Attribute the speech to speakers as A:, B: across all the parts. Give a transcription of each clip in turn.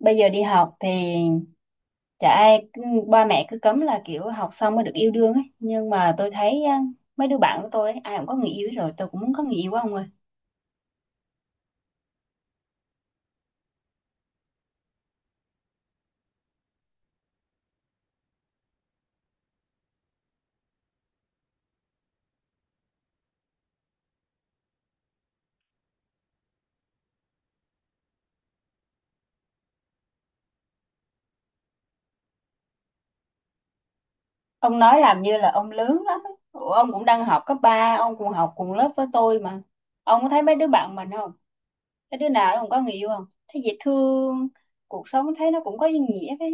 A: Bây giờ đi học thì chả ai cứ- ba mẹ cứ cấm là kiểu học xong mới được yêu đương ấy, nhưng mà tôi thấy á, mấy đứa bạn của tôi ấy, ai cũng có người yêu hết rồi, tôi cũng muốn có người yêu của ông ơi. Ông nói làm như là ông lớn lắm ấy. Ủa, ông cũng đang học cấp ba, ông cũng học cùng lớp với tôi mà. Ông có thấy mấy đứa bạn mình không, cái đứa nào nó cũng có người yêu, không thấy dễ thương, cuộc sống thấy nó cũng có ý nghĩa. Cái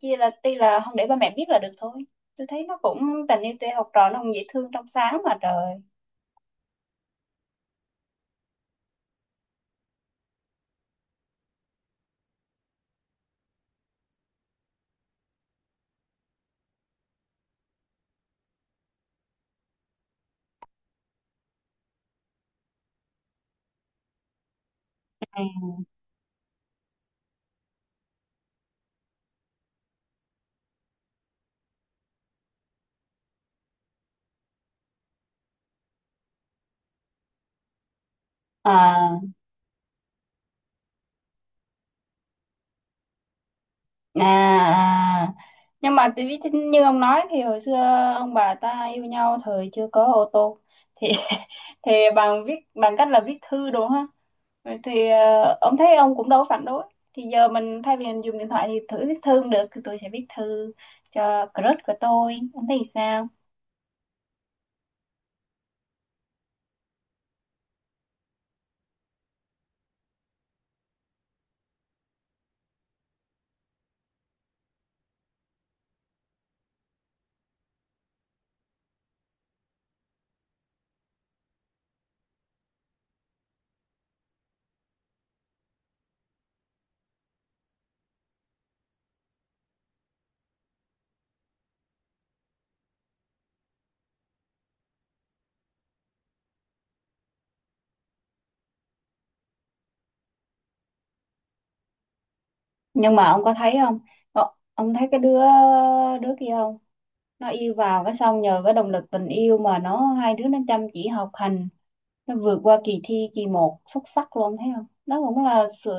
A: chỉ là tuy là không để ba mẹ biết là được thôi. Tôi thấy nó cũng, tình yêu tuy học trò nó cũng dễ thương trong sáng mà trời. Ừ. À. À, à. Nhưng mà tại vì như ông nói thì hồi xưa ông bà ta yêu nhau thời chưa có ô tô thì thì bằng viết, bằng cách là viết thư đúng không? Vậy thì ông thấy ông cũng đâu có phản đối. Thì giờ mình thay vì mình dùng điện thoại thì thử viết thư cũng được, thì tôi sẽ viết thư cho crush của tôi. Ông thấy sao? Nhưng mà ông có thấy không? Ờ, ông thấy cái đứa, đứa kia không? Nó yêu vào cái xong nhờ cái động lực tình yêu mà nó, hai đứa nó chăm chỉ học hành, nó vượt qua kỳ thi kỳ một xuất sắc luôn, thấy không, đó cũng là sự,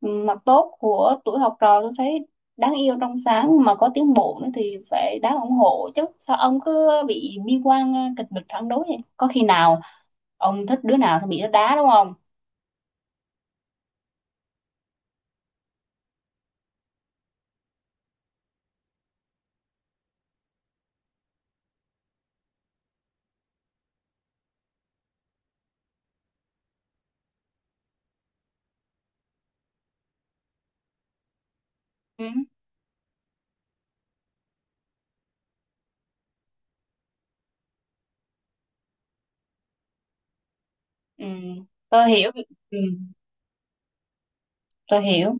A: ừ, mặt tốt của tuổi học trò. Tôi thấy đáng yêu trong sáng mà có tiến bộ nữa thì phải đáng ủng hộ chứ, sao ông cứ bị bi quan, kịch bịch phản đối vậy, có khi nào ông thích đứa nào xong bị nó đá đúng không? Ừ. Ừ. Tôi hiểu. Ừ. Tôi hiểu.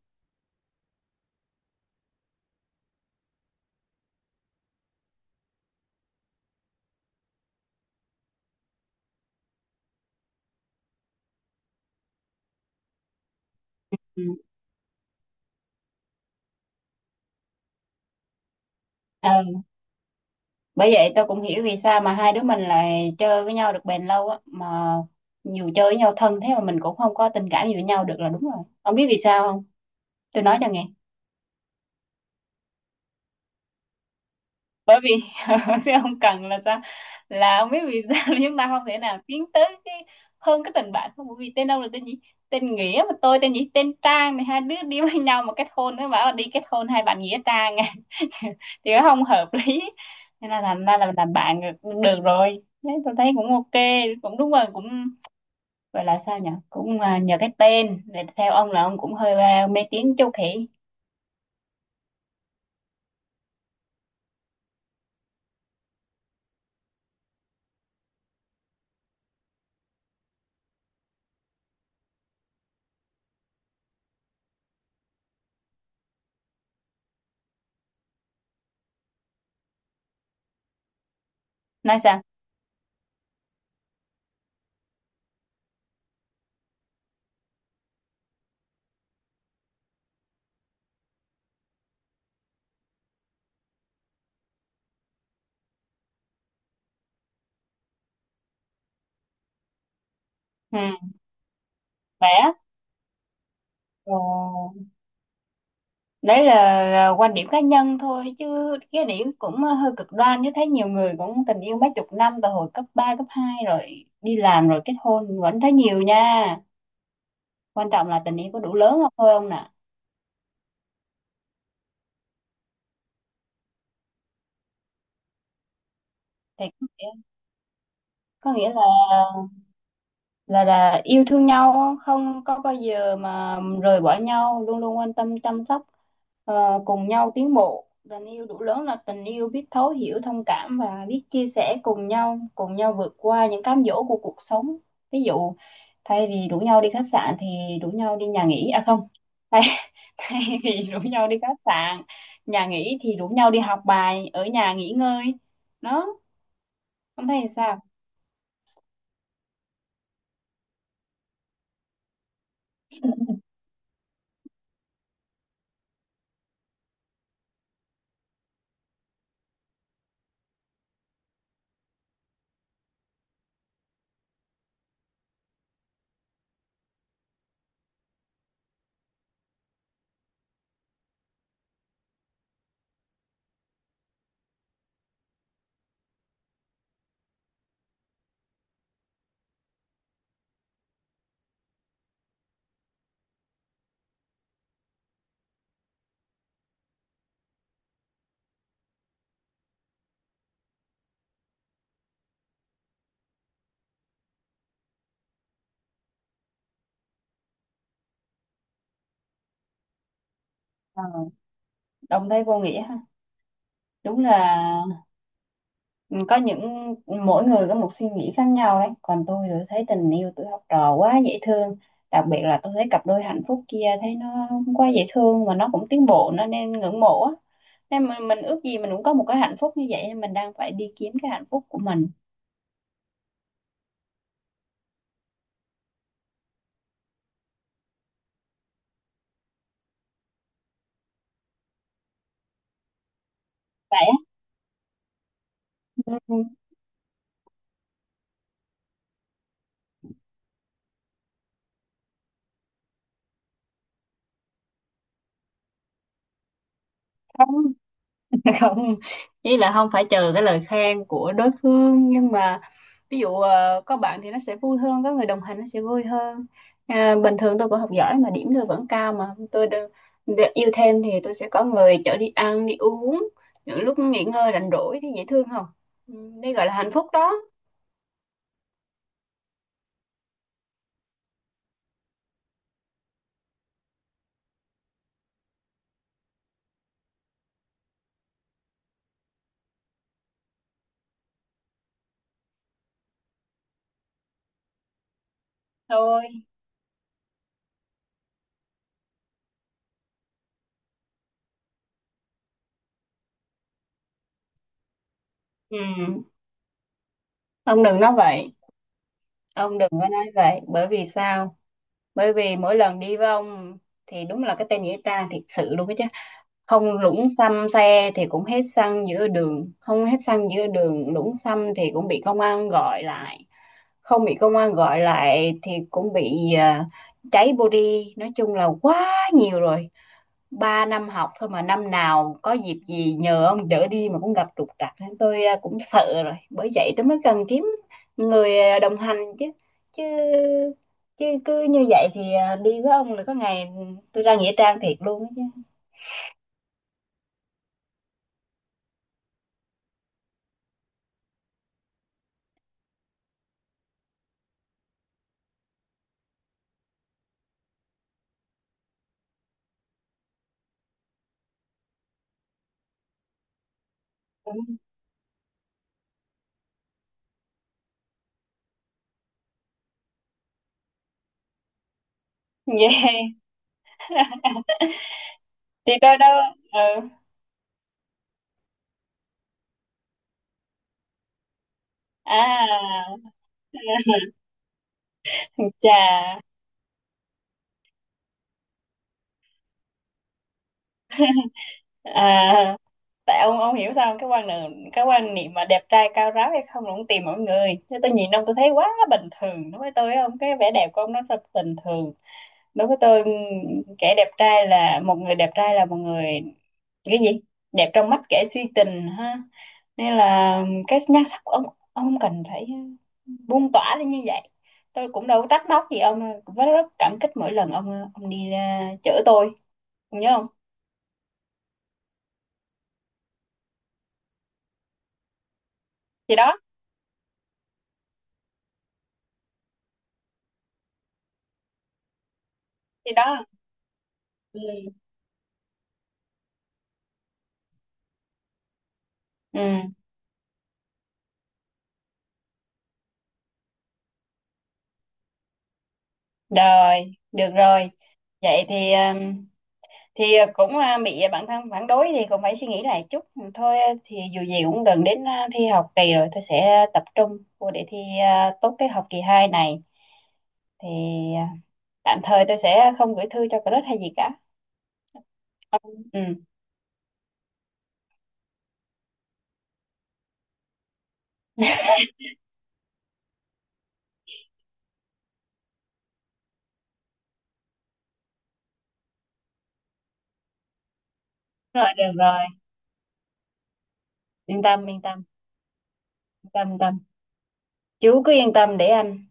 A: Ừ. Ờ, bởi vậy tôi cũng hiểu vì sao mà hai đứa mình lại chơi với nhau được bền lâu á mà, dù chơi với nhau thân thế mà mình cũng không có tình cảm gì với nhau được, là đúng rồi. Ông biết vì sao không, tôi nói cho nghe. Bởi vì cái ông cần là sao, là không biết vì sao là chúng ta không thể nào tiến tới cái hơn cái tình bạn, không bởi vì tên ông là tên gì, tên Nghĩa mà tôi tên gì, tên Trang, thì hai đứa đi với nhau mà kết hôn nó bảo là đi kết hôn hai bạn Nghĩa Trang à. Thì nó không hợp lý, nên là thành ra là mình làm bạn được, được rồi đấy, tôi thấy cũng ok, cũng đúng rồi, cũng gọi là sao nhỉ, cũng, nhờ cái tên. Để theo ông là ông cũng hơi, mê tín châu khỉ. Nói sao? Ừ, vẽ. Ồ. Đấy là quan điểm cá nhân thôi, chứ cái điểm cũng hơi cực đoan chứ, thấy nhiều người cũng tình yêu mấy chục năm từ hồi cấp 3 cấp 2 rồi đi làm rồi kết hôn vẫn thấy nhiều nha. Quan trọng là tình yêu có đủ lớn không thôi ông nè. Thì có nghĩa là, là yêu thương nhau không có bao giờ mà rời bỏ nhau, luôn luôn quan tâm chăm sóc, ờ, cùng nhau tiến bộ. Tình yêu đủ lớn là tình yêu biết thấu hiểu thông cảm và biết chia sẻ cùng nhau, cùng nhau vượt qua những cám dỗ của cuộc sống. Ví dụ thay vì rủ nhau đi khách sạn thì rủ nhau đi nhà nghỉ, à không, thay, thay vì rủ nhau đi khách sạn nhà nghỉ thì rủ nhau đi học bài ở nhà nghỉ ngơi, đó. Ông thấy thì sao? Ờ, đồng thấy vô nghĩa ha. Đúng là, ừ, có những, mỗi người có một suy nghĩ khác nhau đấy, còn tôi thì thấy tình yêu tuổi học trò quá dễ thương. Đặc biệt là tôi thấy cặp đôi hạnh phúc kia, thấy nó quá dễ thương mà nó cũng tiến bộ, nó nên ngưỡng mộ á, nên mình ước gì mình cũng có một cái hạnh phúc như vậy, nên mình đang phải đi kiếm cái hạnh phúc của mình. Vậy á. Ừ. Không, không, ý là không phải chờ cái lời khen của đối phương, nhưng mà ví dụ có bạn thì nó sẽ vui hơn, có người đồng hành nó sẽ vui hơn. À, bình thường tôi cũng học giỏi mà điểm tôi vẫn cao mà, yêu thêm thì tôi sẽ có người chở đi ăn đi uống những lúc nghỉ ngơi rảnh rỗi, thì dễ thương không? Ừ, đây gọi là hạnh phúc đó. Thôi. Ừ. Ông đừng nói vậy. Ông đừng có nói vậy, bởi vì sao? Bởi vì mỗi lần đi với ông thì đúng là cái tên nghĩa trang thiệt sự luôn đó chứ. Không lũng xăm xe thì cũng hết xăng giữa đường, không hết xăng giữa đường lũng xăm thì cũng bị công an gọi lại, không bị công an gọi lại thì cũng bị, cháy body. Nói chung là quá nhiều rồi, ba năm học thôi mà năm nào có dịp gì nhờ ông đỡ đi mà cũng gặp trục trặc, nên tôi cũng sợ rồi, bởi vậy tôi mới cần kiếm người đồng hành chứ. Chứ chứ cứ như vậy thì, à, đi với ông là có ngày tôi ra nghĩa trang thiệt luôn á. Chứ vậy thì tôi đâu, ừ, à, chà, à, tại ông hiểu sao không? Cái quan niệm, cái quan niệm mà đẹp trai cao ráo hay không là cũng tùy mọi người chứ, tôi nhìn ông tôi thấy quá bình thường. Đối với tôi ông cái vẻ đẹp của ông nó rất bình thường. Đối với tôi kẻ đẹp trai là một người, đẹp trai là một người, cái gì, đẹp trong mắt kẻ si tình ha. Nên là cái nhan sắc của ông không cần phải buông tỏa lên như vậy. Tôi cũng đâu có trách móc gì ông đâu, cũng rất cảm kích mỗi lần ông đi ra chở tôi, ông nhớ không? Thì đó. Thì đó. Ừ. Ừ. Rồi, được rồi. Vậy thì cũng bị bản thân phản đối thì cũng phải suy nghĩ lại chút. Ừ, thôi, thì dù gì cũng gần đến, thi học kỳ rồi, tôi sẽ tập trung vô để thi, tốt cái học kỳ 2 này, thì ờ, tạm thời tôi sẽ không gửi thư cho crush hay gì cả. Ừ. Ừ. Rồi, được rồi. Yên tâm yên tâm. Yên tâm yên tâm. Chú cứ yên tâm để anh.